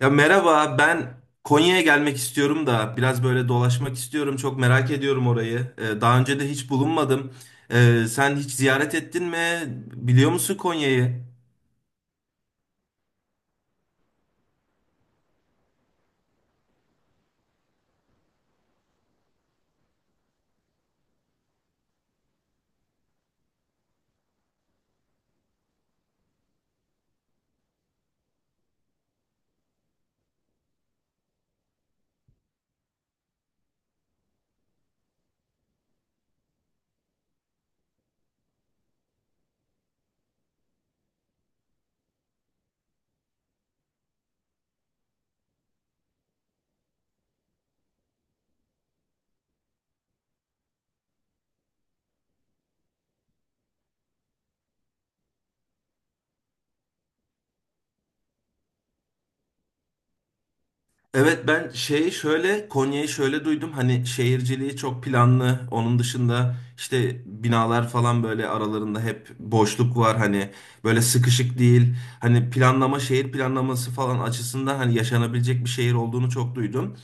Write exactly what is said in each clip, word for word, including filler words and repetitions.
Ya merhaba, ben Konya'ya gelmek istiyorum da biraz böyle dolaşmak istiyorum. Çok merak ediyorum orayı. Ee, daha önce de hiç bulunmadım. Ee, sen hiç ziyaret ettin mi? Biliyor musun Konya'yı? Evet, ben şeyi şöyle, Konya'yı şöyle duydum, hani şehirciliği çok planlı. Onun dışında işte binalar falan böyle, aralarında hep boşluk var, hani böyle sıkışık değil, hani planlama, şehir planlaması falan açısından hani yaşanabilecek bir şehir olduğunu çok duydum.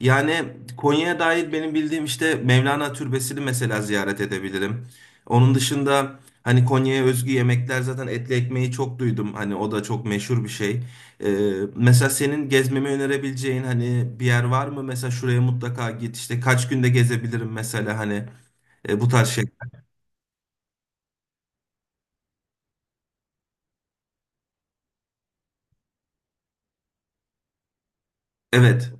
Yani Konya'ya dair benim bildiğim işte Mevlana Türbesi'ni mesela ziyaret edebilirim. Onun dışında hani Konya'ya özgü yemekler, zaten etli ekmeği çok duydum. Hani o da çok meşhur bir şey. Ee, mesela senin gezmemi önerebileceğin hani bir yer var mı? Mesela şuraya mutlaka git. İşte kaç günde gezebilirim mesela, hani e, bu tarz şey. Evet.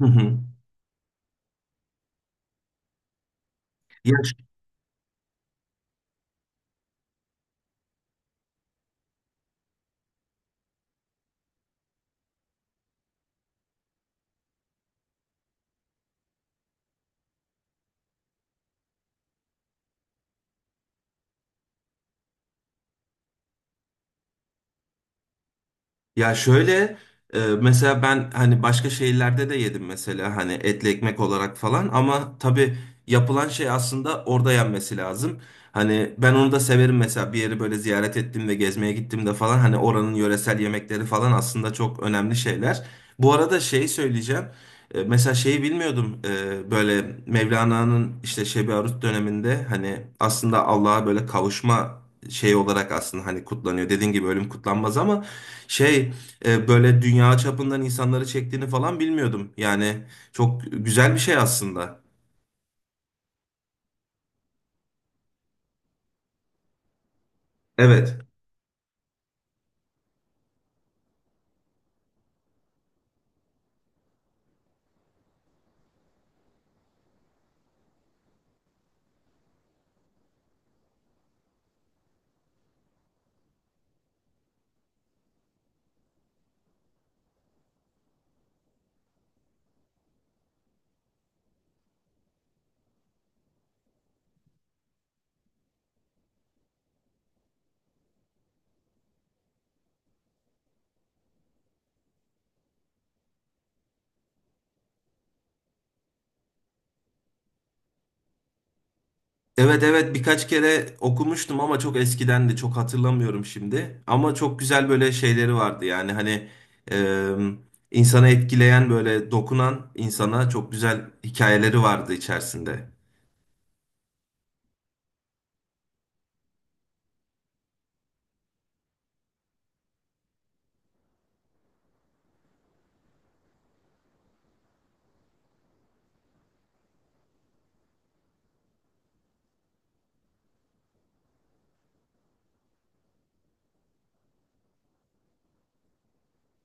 Hı hı. Ya Ya şöyle, e, mesela ben hani başka şehirlerde de yedim, mesela hani etli ekmek olarak falan, ama tabii yapılan şey aslında orada yenmesi lazım. Hani ben onu da severim, mesela bir yeri böyle ziyaret ettiğimde, gezmeye gittiğimde falan, hani oranın yöresel yemekleri falan aslında çok önemli şeyler. Bu arada şey söyleyeceğim. E, Mesela şeyi bilmiyordum. E, böyle Mevlana'nın işte Şebi Arus döneminde hani aslında Allah'a böyle kavuşma şey olarak aslında hani kutlanıyor. Dediğin gibi ölüm kutlanmaz ama şey e, böyle dünya çapından insanları çektiğini falan bilmiyordum. Yani çok güzel bir şey aslında. Evet. Evet, evet, birkaç kere okumuştum ama çok eskidendi. Çok hatırlamıyorum şimdi. Ama çok güzel böyle şeyleri vardı. Yani hani e, insanı etkileyen, böyle dokunan, insana çok güzel hikayeleri vardı içerisinde.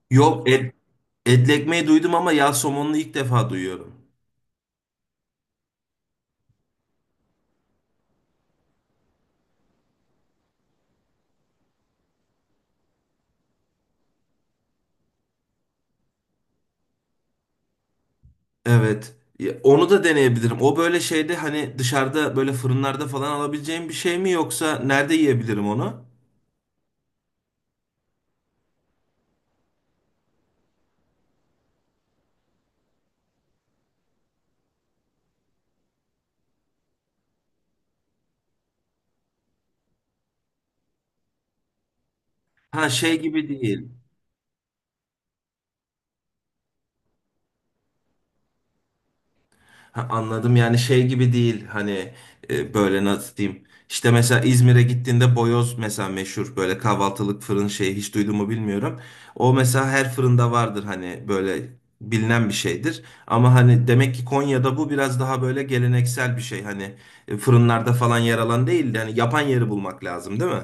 Yok, et, etli ekmeği duydum ama yağ somonunu ilk defa duyuyorum. Evet. Ya, onu da deneyebilirim. O böyle şeyde hani dışarıda böyle fırınlarda falan alabileceğim bir şey mi, yoksa nerede yiyebilirim onu? Ha, şey gibi değil. Ha, anladım, yani şey gibi değil, hani e, böyle nasıl diyeyim. İşte mesela İzmir'e gittiğinde boyoz mesela, meşhur böyle kahvaltılık fırın şeyi hiç duydun mu bilmiyorum. O mesela her fırında vardır, hani böyle bilinen bir şeydir. Ama hani demek ki Konya'da bu biraz daha böyle geleneksel bir şey, hani e, fırınlarda falan yer alan değil de hani yapan yeri bulmak lazım, değil mi?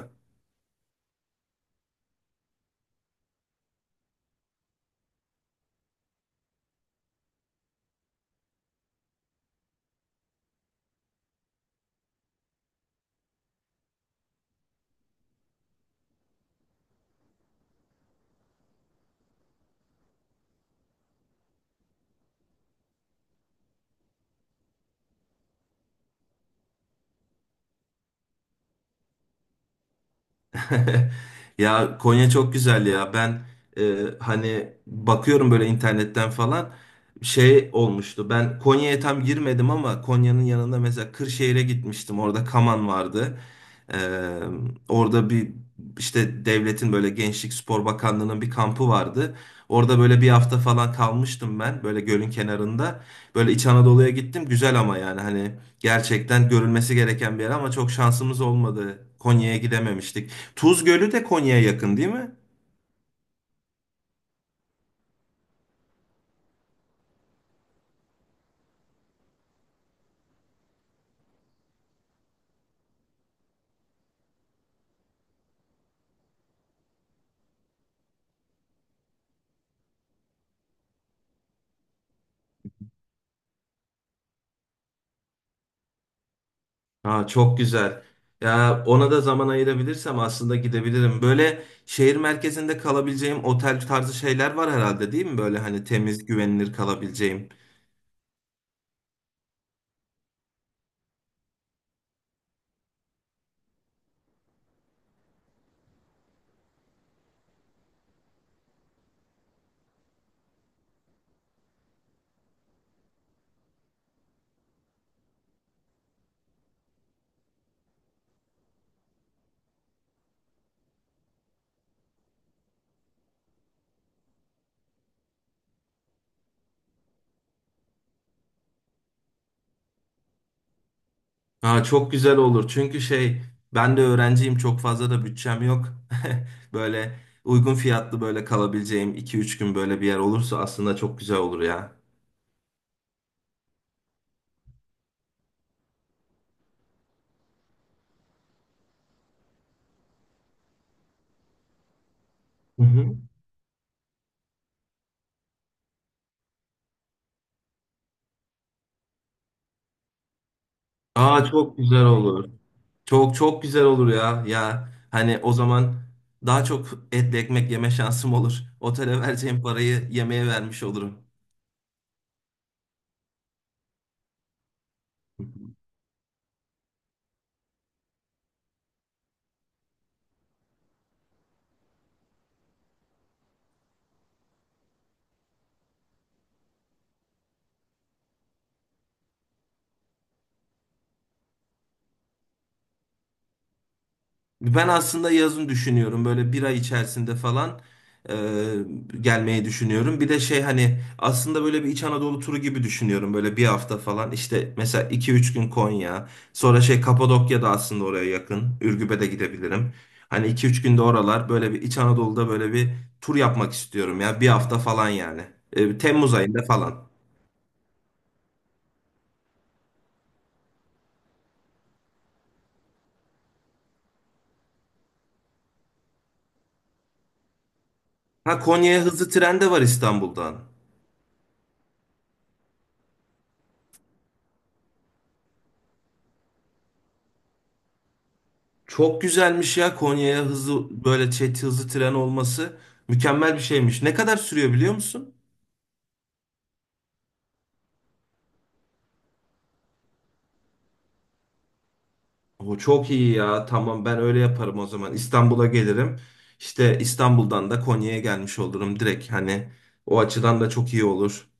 Ya Konya çok güzel ya. Ben e, hani bakıyorum böyle internetten falan, şey olmuştu. Ben Konya'ya tam girmedim ama Konya'nın yanında mesela Kırşehir'e gitmiştim. Orada Kaman vardı. E, orada bir işte devletin böyle Gençlik Spor Bakanlığı'nın bir kampı vardı. Orada böyle bir hafta falan kalmıştım ben, böyle gölün kenarında. Böyle İç Anadolu'ya gittim. Güzel ama yani hani gerçekten görülmesi gereken bir yer ama çok şansımız olmadı. Konya'ya gidememiştik. Tuz Gölü de Konya'ya yakın değil mi? Ha, çok güzel. Ya ona da zaman ayırabilirsem aslında gidebilirim. Böyle şehir merkezinde kalabileceğim otel tarzı şeyler var herhalde, değil mi? Böyle hani temiz, güvenilir kalabileceğim. Ha, çok güzel olur. Çünkü şey, ben de öğrenciyim, çok fazla da bütçem yok. Böyle uygun fiyatlı, böyle kalabileceğim iki üç gün böyle bir yer olursa aslında çok güzel olur ya. Hı hı. Aa, çok güzel olur. Çok çok güzel olur ya. Ya hani o zaman daha çok etli ekmek yeme şansım olur. Otele vereceğim parayı yemeğe vermiş olurum. Ben aslında yazın düşünüyorum, böyle bir ay içerisinde falan e, gelmeyi düşünüyorum. Bir de şey, hani aslında böyle bir İç Anadolu turu gibi düşünüyorum, böyle bir hafta falan. İşte mesela iki üç gün Konya, sonra şey Kapadokya da aslında oraya yakın, Ürgüp'e de gidebilirim. Hani iki üç günde oralar, böyle bir İç Anadolu'da böyle bir tur yapmak istiyorum ya, bir hafta falan yani. E, Temmuz ayında falan. Ha, Konya'ya hızlı tren de var İstanbul'dan. Çok güzelmiş ya, Konya'ya hızlı, böyle çet hızlı tren olması. Mükemmel bir şeymiş. Ne kadar sürüyor biliyor musun? O çok iyi ya. Tamam, ben öyle yaparım o zaman. İstanbul'a gelirim. İşte İstanbul'dan da Konya'ya gelmiş olurum direkt. Hani o açıdan da çok iyi olur.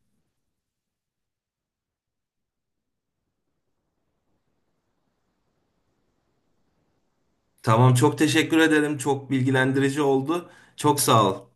Tamam, çok teşekkür ederim. Çok bilgilendirici oldu. Çok sağ ol.